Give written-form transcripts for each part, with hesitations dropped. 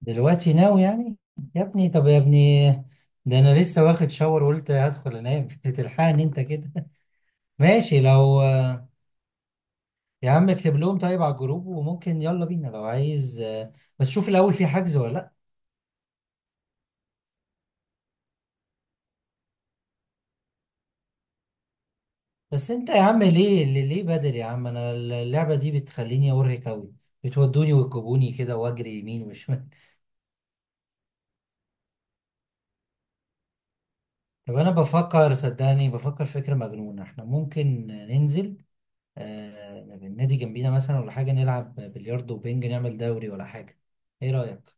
دلوقتي ناوي يعني؟ يا ابني، طب يا ابني. ده انا لسه واخد شاور وقلت هدخل انام بتلحقني انت كده؟ ماشي لو. يا عم اكتب لهم طيب على الجروب وممكن يلا بينا لو عايز، بس شوف الاول في حجز ولا لا. بس انت يا عم ليه بدري يا عم؟ انا اللعبة دي بتخليني ارهق قوي، بتودوني وتجيبوني كده واجري يمين وشمال. طب انا بفكر، صدقني بفكر فكرة مجنونة. احنا ممكن ننزل النادي جنبينا مثلا ولا حاجة، نلعب بلياردو وبنج، نعمل دوري ولا حاجة. ايه رأيك؟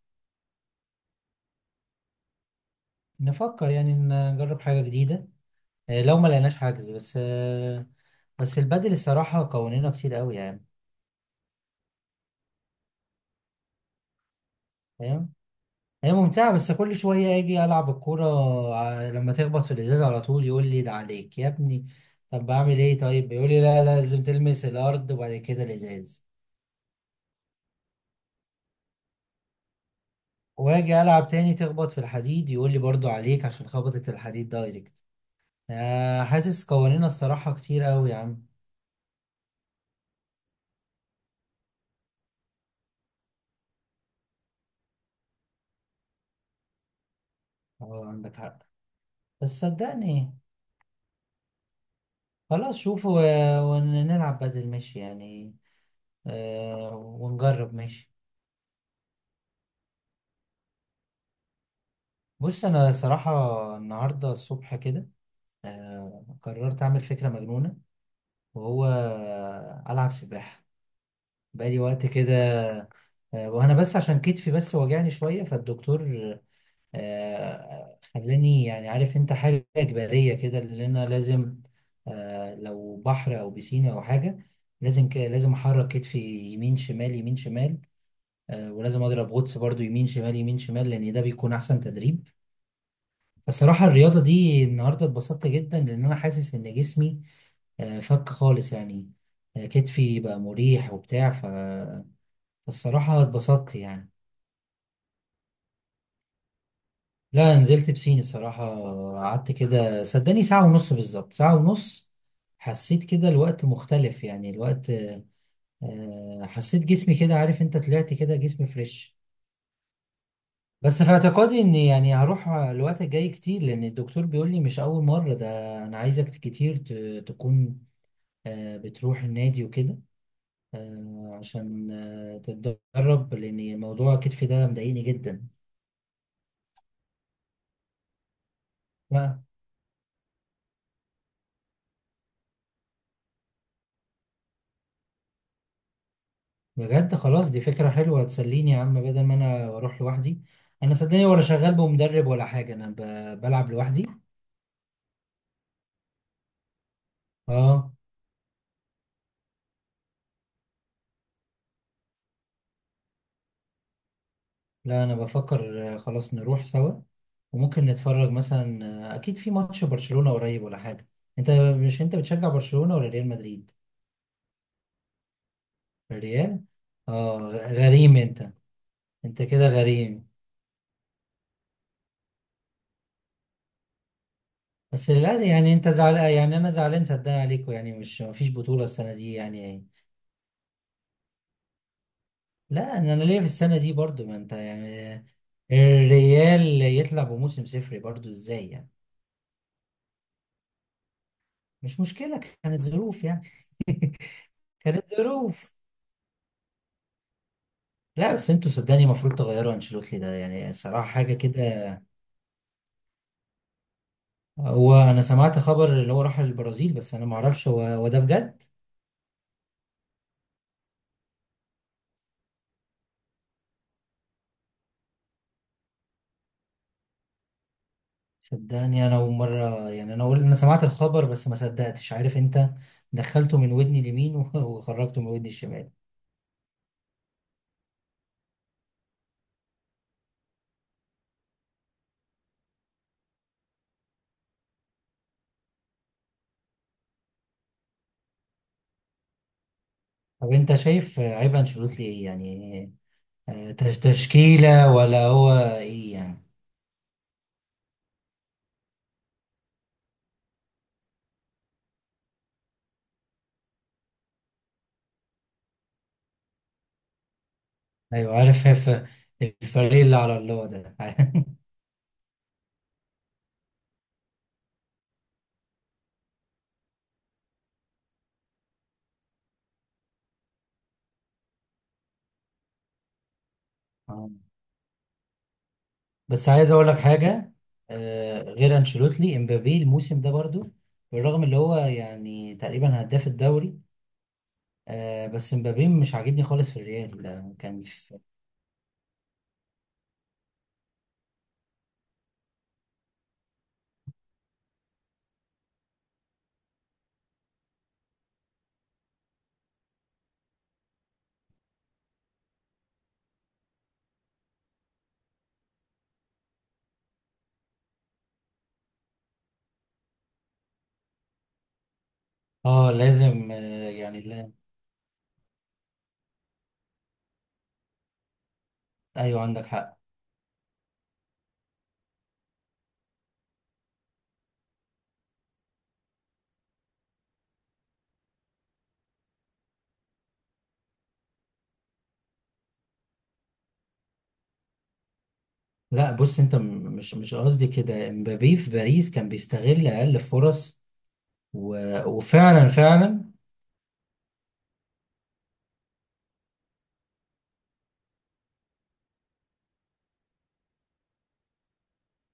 نفكر يعني إن نجرب حاجة جديدة لو ما لقيناش حجز بس. بس البادل الصراحة قوانينها كتير قوي يعني. فاهم. هي ممتعة، بس كل شوية اجي العب الكورة، لما تخبط في الازاز على طول يقول لي ده عليك يا ابني. طب بعمل ايه طيب؟ يقول لي لا لا، لازم تلمس الارض وبعد كده الازاز. واجي العب تاني تخبط في الحديد يقول لي برضو عليك عشان خبطت الحديد دايركت. حاسس قوانين الصراحة كتير قوي يا عم. اه عندك حق، بس صدقني خلاص، شوف ونلعب بدل، ماشي يعني. ونجرب ماشي. بص أنا صراحة النهاردة الصبح كده قررت أعمل فكرة مجنونة، وهو ألعب سباحة. بقالي وقت كده. وأنا بس عشان كتفي بس واجعني شوية، فالدكتور خلاني يعني، عارف انت، حاجة إجبارية كده اللي أنا لازم لو بحر أو بسينة أو حاجة، لازم لازم أحرك كتفي يمين شمال يمين شمال. ولازم أضرب غطس برضو يمين شمال يمين شمال، لأن ده بيكون أحسن تدريب. فالصراحة الرياضة دي النهاردة اتبسطت جدا، لأن أنا حاسس إن جسمي فك خالص يعني. كتفي بقى مريح وبتاع فالصراحة اتبسطت يعني. لا، نزلت بسين الصراحة. قعدت كده صدقني ساعة ونص، بالظبط ساعة ونص. حسيت كده الوقت مختلف، يعني الوقت حسيت جسمي كده، عارف انت، طلعت كده جسمي فريش. بس في اعتقادي ان يعني هروح الوقت الجاي كتير، لان الدكتور بيقول لي مش اول مرة ده، انا عايزك كتير تكون بتروح النادي وكده عشان تتدرب، لان موضوع كتفي ده مضايقني جدا. بجد خلاص، دي فكرة حلوة، هتسليني يا عم بدل ما انا بروح لوحدي. انا صدقني ولا شغال بمدرب ولا حاجة، انا بلعب لوحدي. اه. لا، انا بفكر خلاص نروح سوا، وممكن نتفرج مثلا. اكيد في ماتش برشلونة قريب ولا حاجة. انت مش بتشجع برشلونة ولا ريال مدريد؟ الريال. اه غريم انت. انت كده غريم. بس للأسف، يعني انت زعلان يعني انا زعلان، صدقني عليكم، يعني مش مفيش بطولة السنة دي يعني. لا انا ليا في السنه دي برضو، ما انت يعني. الريال يطلع بموسم صفري برضو ازاي يعني؟ مش مشكله، كانت ظروف يعني. كانت ظروف. لا بس انتوا صدقني المفروض تغيروا انشيلوتي ده، يعني صراحه حاجه كده. هو انا سمعت خبر اللي هو راح البرازيل، بس انا ما اعرفش هو ده بجد؟ صدقني انا اول مره يعني، انا اقول انا سمعت الخبر بس ما صدقتش، عارف انت. دخلته من ودني اليمين وخرجته من ودني الشمال. طب انت شايف عيب انشيلوتي ايه يعني؟ تشكيلة ولا هو ايه يعني؟ ايوه عارف الفريق اللي على الله ده. آه. بس عايز اقول لك حاجة. غير انشيلوتي، امبابي الموسم ده برضو بالرغم اللي هو يعني تقريبا هداف الدوري، بس امبابي مش عاجبني خالص في الريال، لا، كان في. اه لازم، يعني لا. ايوه عندك حق. لا بص انت مش قصدي كده. امبابي في باريس كان بيستغل اقل فرص و... وفعلا فعلا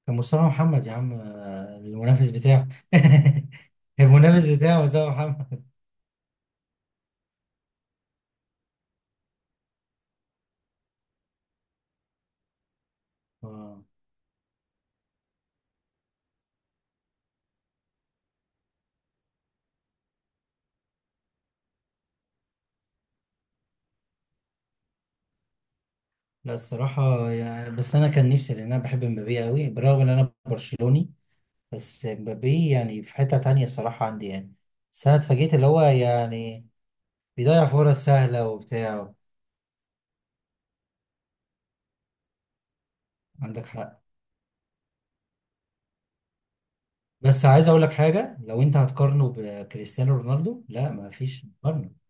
كان مصطفى محمد يا عم المنافس بتاعه. المنافس بتاعه مصطفى محمد. آه. لا الصراحة يعني، بس أنا كان نفسي، لأن أنا بحب مبابي قوي بالرغم إن أنا برشلوني. بس مبابي يعني في حتة تانية الصراحة عندي يعني. بس أنا اتفاجئت، اللي هو يعني بيضيع فرص سهلة وبتاع. عندك حق، بس عايز أقول لك حاجة، لو أنت هتقارنه بكريستيانو رونالدو، لا، ما فيش مقارنة.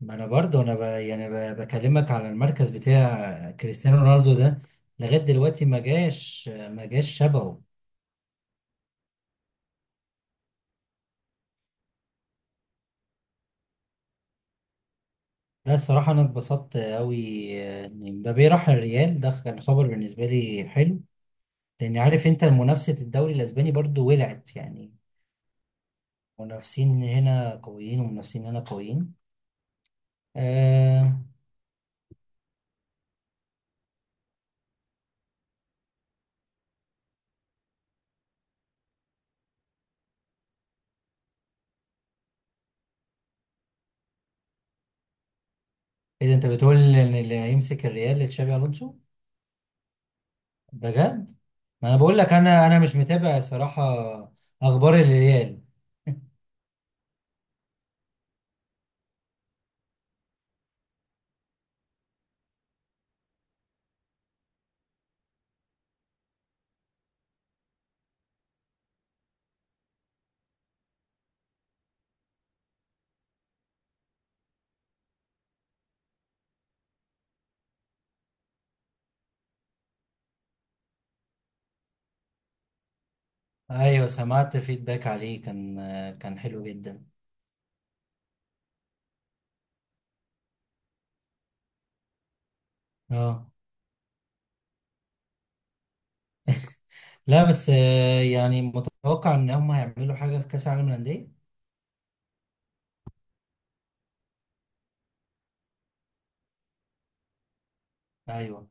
ما انا برضه انا يعني بكلمك على المركز بتاع كريستيانو رونالدو ده، لغايه دلوقتي ما جاش شبهه. لا الصراحه انا اتبسطت قوي ان مبابي راح الريال، ده كان خبر بالنسبه لي حلو، لان عارف انت منافسه الدوري الاسباني برضه ولعت يعني. منافسين هنا قويين ومنافسين هنا قويين. آه... اذا انت بتقول ان اللي هيمسك الريال تشابي الونسو؟ بجد؟ ما انا بقول لك انا مش متابع صراحه اخبار الريال. ايوه سمعت فيدباك عليه، كان حلو جدا. اه، لا بس يعني متوقع ان هم هيعملوا حاجه في كاس العالم للانديه. ايوه.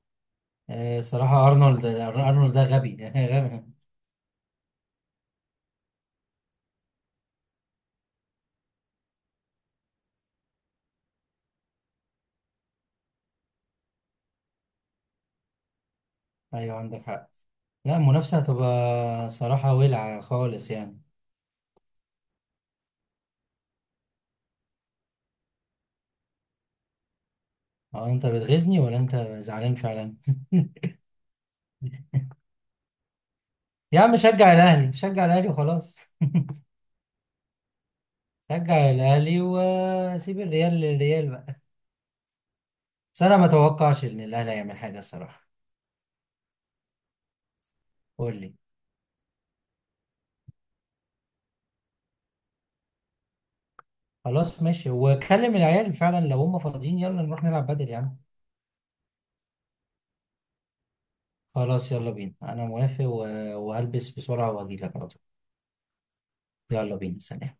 صراحه ارنولد، ارنولد ده غبي غبي. ايوه عندك حق. لا المنافسه هتبقى صراحه ولعه خالص يعني. هو انت بتغيظني ولا انت زعلان فعلا؟ يا عم شجع الاهلي، شجع الاهلي وخلاص. شجع الاهلي وسيب الريال للريال بقى. بس انا ما اتوقعش ان الاهلي هيعمل حاجه الصراحه. قول لي. خلاص ماشي، وكلم العيال فعلا لو هم فاضيين، يلا نروح نلعب بدل يا عم. خلاص يلا بينا، انا موافق وهلبس بسرعة واجيلك على طول. يلا بينا، سلام.